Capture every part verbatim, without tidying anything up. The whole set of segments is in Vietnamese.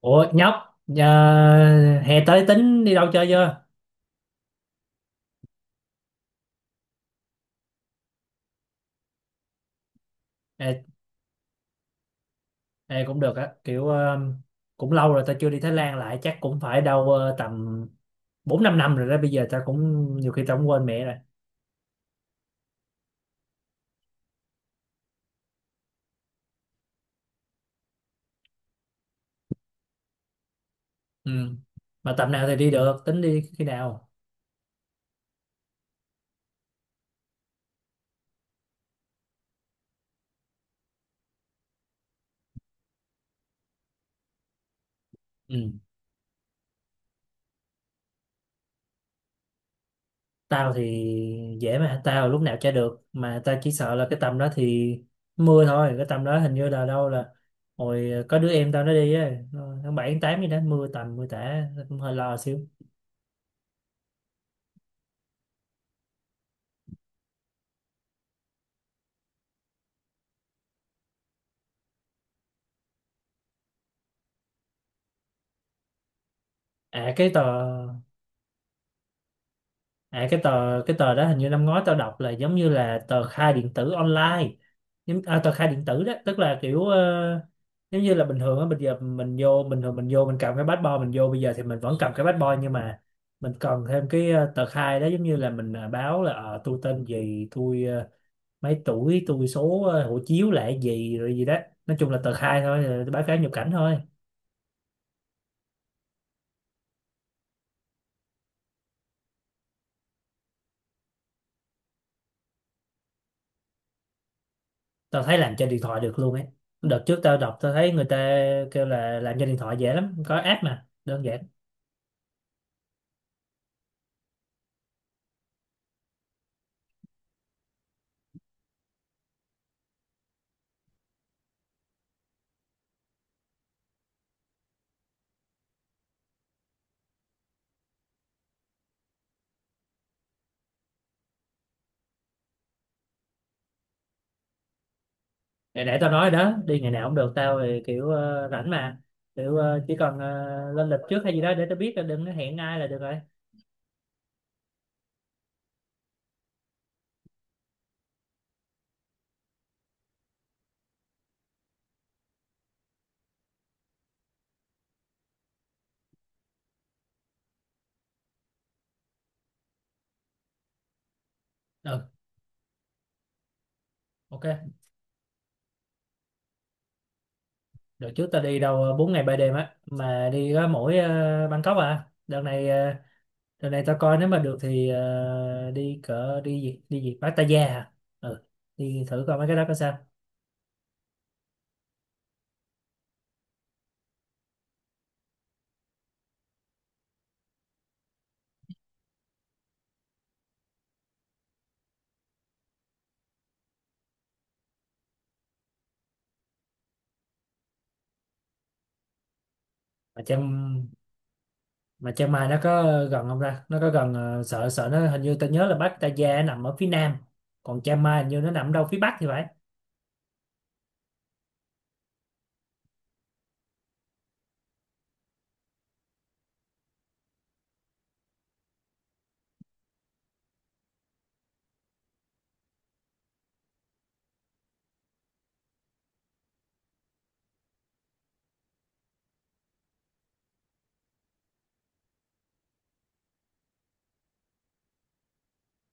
Ủa nhóc, ờ, hè tới tính đi đâu chơi chưa? Ê, ê, cũng được á, kiểu ờ, cũng lâu rồi ta chưa đi Thái Lan lại, chắc cũng phải đâu ờ, tầm bốn năm năm rồi đó, bây giờ ta cũng nhiều khi ta cũng quên mẹ rồi. Ừ. Mà tầm nào thì đi được, tính đi khi nào? Ừ. Tao thì dễ mà, tao lúc nào chơi được, mà tao chỉ sợ là cái tầm đó thì mưa thôi, cái tầm đó hình như là đâu, là hồi ờ, có đứa em tao nó đi á, nó- tháng bảy tháng tám gì đó mưa tầm mưa tả, tao cũng hơi lo xíu. À cái tờ À, cái tờ cái tờ đó hình như năm ngoái tao đọc là giống như là tờ khai điện tử online, giống à, tờ khai điện tử đó, tức là kiểu ờ, giống như là bình thường á, bây giờ mình vô, bình thường mình vô, mình cầm cái passport mình vô, bây giờ thì mình vẫn cầm cái passport, nhưng mà mình cần thêm cái ờ, tờ khai đó, giống như là mình ờ, báo là ờ, tôi tên gì, tôi ờ, mấy tuổi, tôi số ờ, hộ chiếu là cái gì rồi gì đó, nói chung là tờ khai thôi, ờ, báo cáo nhập cảnh thôi. Tao thấy làm trên điện thoại được luôn ấy, đợt trước tao đọc tao thấy người ta kêu là làm trên điện thoại dễ lắm, có app mà đơn giản. Để, để tao nói đó, đi ngày nào cũng được, tao thì kiểu ờ, rảnh mà, kiểu ờ, chỉ cần ờ, lên lịch trước hay gì đó để tao biết là đừng có hẹn ai là được rồi. Ừ. Ok. Đợt trước tao đi đâu ờ, bốn ngày ba đêm á, mà đi có mỗi ờ, Bangkok à. Đợt này ờ, đợt này tao coi, nếu mà được thì ờ, đi cỡ, đi gì đi gì Pattaya à. Ừ. Đi thử coi mấy cái đó có sao. Mà trong mà Chiang Mai nó có gần không, ra nó có gần ờ, sợ, sợ nó hình như ta nhớ là Bắc, Pattaya nằm ở phía nam, còn Chiang Mai hình như nó nằm đâu phía bắc thì phải.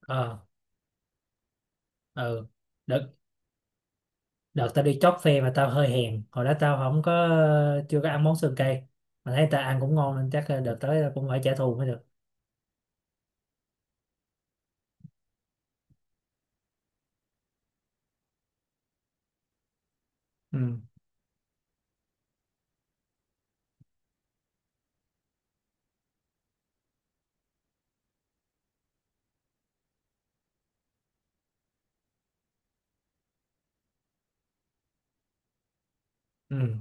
Ờ. Ừ. đợt đợt tao đi chót phê mà tao hơi hèn, hồi đó tao không có, chưa có ăn món sườn cây, mà thấy tao ăn cũng ngon nên chắc đợt tới tao cũng phải trả thù mới được. Ừ. Ừ.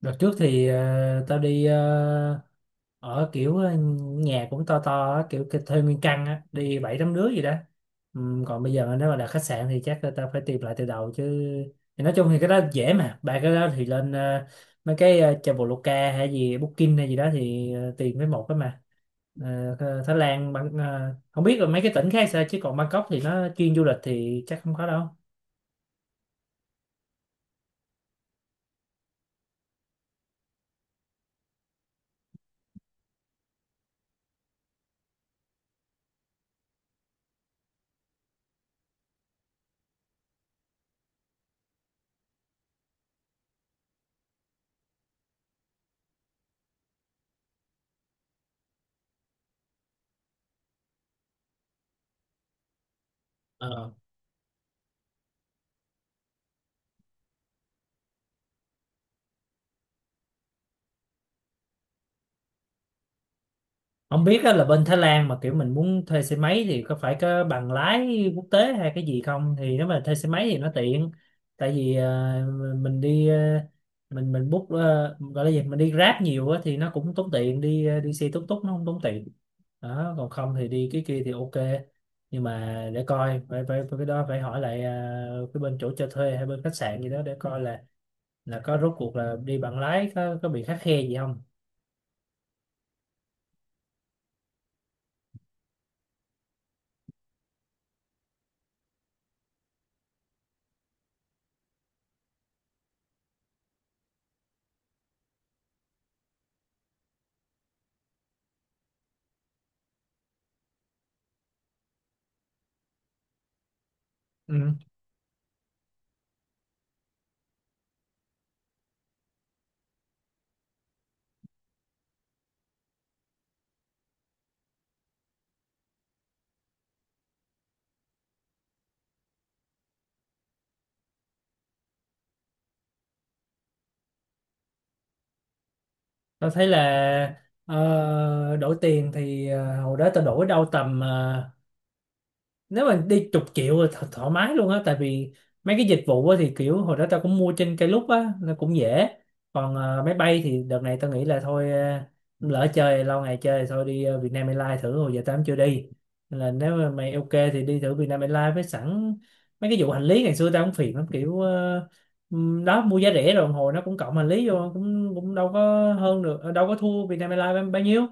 Đợt trước thì ờ, tao đi ờ, ở kiểu ờ, nhà cũng to to á, kiểu cái- thuê nguyên căn á, đi bảy tám đứa gì đó. Ừm, còn bây giờ nếu mà đặt khách sạn thì chắc là tao phải tìm lại từ đầu chứ. Thì nói chung thì cái đó dễ mà, ba cái đó thì lên ờ, mấy cái ờ, Traveloka hay gì, Booking hay gì đó, thì ờ, tìm với một cái mà. Ờ, Thái Lan Bang- ờ, không biết là mấy cái tỉnh khác sao, chứ còn Bangkok thì nó chuyên du lịch thì chắc không có đâu. Không biết á, là bên Thái Lan mà kiểu mình muốn thuê xe máy thì có phải có bằng lái quốc tế hay cái gì không, thì nếu mà thuê xe máy thì nó tiện. Tại vì ờ, mình đi ờ, mình mình book ờ, gọi là gì, mình đi Grab nhiều á, thì nó cũng tốn tiền, đi ờ, đi xe túc túc nó không tốn tiền, đó, còn không thì đi cái kia thì ok. Nhưng mà để coi, phải phải phải cái đó phải hỏi lại ờ, cái bên chỗ cho thuê hay bên khách sạn gì đó để coi là là có rốt cuộc là đi bằng lái có có bị khắt khe gì không. Ừ. Tao thấy là ờ, đổi tiền thì ờ, hồi đó tao đổi đâu tầm ờ, nếu mà đi chục triệu là th thoải mái luôn á, tại vì mấy cái dịch vụ á thì kiểu hồi đó tao cũng mua trên Klook á nó cũng dễ. Còn ờ, máy bay thì đợt này tao nghĩ là thôi, ờ, lỡ chơi lâu ngày, chơi thì thôi đi ờ, Vietnam Airlines thử, hồi giờ tao cũng chưa đi. Nên là nếu mà mày ok thì đi thử Vietnam Airlines, với sẵn mấy cái vụ hành lý ngày xưa tao cũng phiền lắm, kiểu ờ, ừm, đó, mua giá rẻ rồi hồi nó cũng cộng hành lý vô cũng cũng đâu có hơn được, ờ, đâu có thua Vietnam Airlines bao bao nhiêu.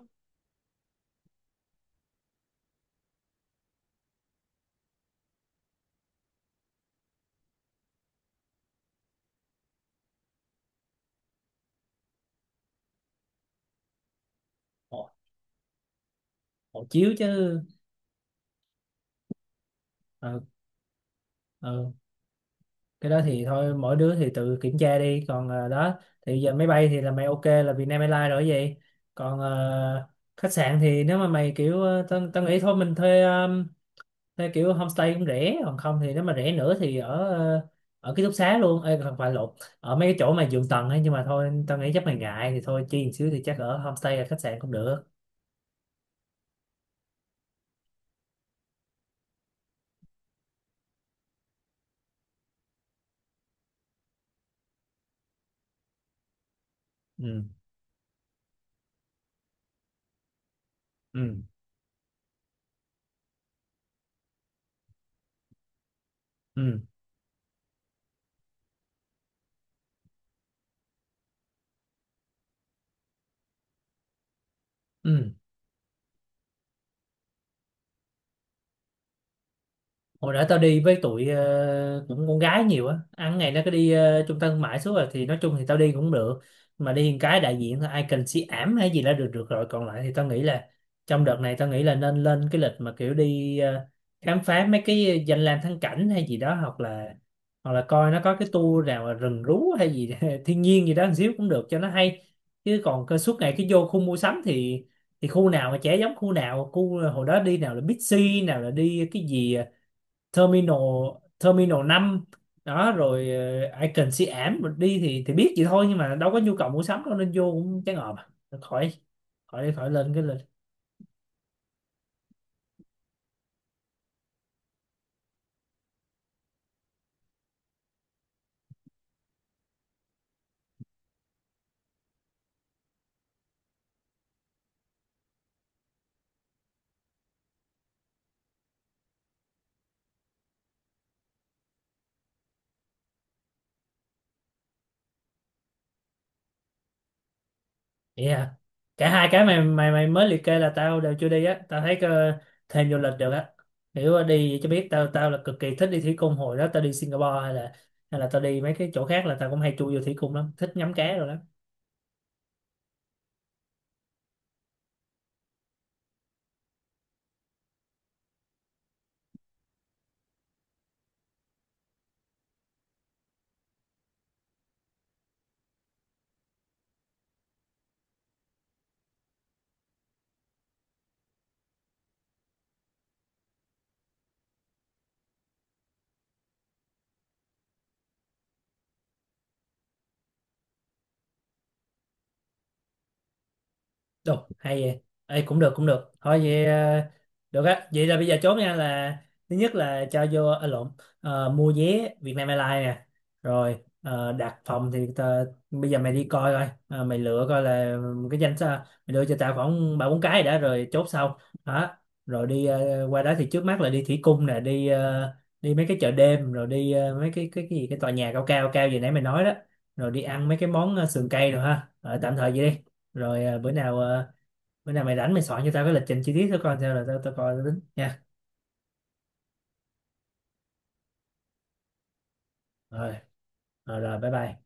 Ồ, hộ chiếu chứ. Ờ, ờ. Cái đó thì thôi, mỗi đứa thì tự kiểm tra đi, còn ờ, đó, thì giờ máy bay thì là mày ok là Vietnam Airlines rồi vậy. Còn ờ, khách sạn thì, nếu mà mày kiểu ờ, tao tao nghĩ thôi mình thuê, um, thuê kiểu homestay cũng rẻ, còn không thì nếu mà rẻ nữa thì ở ờ, ở ký túc xá luôn. Ê, không phải, lộn, ở mấy cái chỗ mà giường tầng ấy, nhưng mà thôi tao nghĩ chắc mày ngại thì thôi chi một xíu thì chắc ở homestay, ở khách sạn cũng được. Ừ. Ừ. Ừ. Ừ. Hồi đó tao đi với tụi ờ, cũng con gái nhiều á, ăn ngày nó cứ đi ờ, trung tâm thương mại suốt, rồi thì nói chung thì tao đi cũng được, mà đi một cái đại diện thôi, ai cần si ảm hay gì là được được rồi còn lại thì tao nghĩ là, trong đợt này tao nghĩ là nên lên cái lịch mà kiểu đi ờ, khám phá mấy cái danh lam thắng cảnh hay gì đó, hoặc là hoặc là coi nó có cái tour nào mà rừng rú hay gì thiên nhiên gì đó một xíu cũng được cho nó hay. Chứ còn cơ suốt ngày cứ vô khu mua sắm thì thì khu nào mà chả giống khu nào. Khu hồi đó đi, nào là Big C, nào là đi cái gì ờ, Terminal Terminal năm, đó rồi ờ, Icon Siam, ảm mình đi thì thì biết vậy thôi nhưng mà đâu có nhu cầu mua sắm đâu nên vô cũng chán ngợp à. Thôi khỏi, khỏi khỏi lên cái lên. Yeah. Cả hai cái mày mày mày mới liệt kê là tao đều chưa đi á, tao thấy ờ, thêm vô lịch được á, kiểu ờ, đi cho biết. Tao tao là cực kỳ thích đi thủy cung, hồi đó tao đi Singapore, hay là hay là tao đi mấy cái chỗ khác là tao cũng hay chui vô thủy cung lắm, thích ngắm cá rồi đó. Đồ, hay vậy. Ê, cũng được, cũng được. Thôi vậy, ờ, được á. Vậy là bây giờ chốt nha, là thứ nhất là cho vô, à, lộn, ờ, mua vé Vietnam Airlines nè. Rồi, ờ, đặt phòng thì, tờ, bây giờ mày đi coi coi. Ờ, mày lựa coi là cái danh sách, mày lựa cho tao khoảng ba bốn cái đã rồi chốt sau. Đó. Rồi đi ờ, qua đó thì trước mắt là đi thủy cung nè, đi ờ, đi mấy cái chợ đêm, rồi đi ờ, mấy cái cái cái gì cái tòa nhà cao cao cao gì nãy mày nói đó. Rồi đi ăn mấy cái món ờ, sườn cây rồi ha. Ờ, tạm thời vậy đi. Rồi ờ, bữa nào ờ, bữa nào mày rảnh, mày soạn cho tao cái lịch trình chi tiết thôi coi sao, là tao tao coi, tao tính nha. Rồi, rồi rồi, bye bye.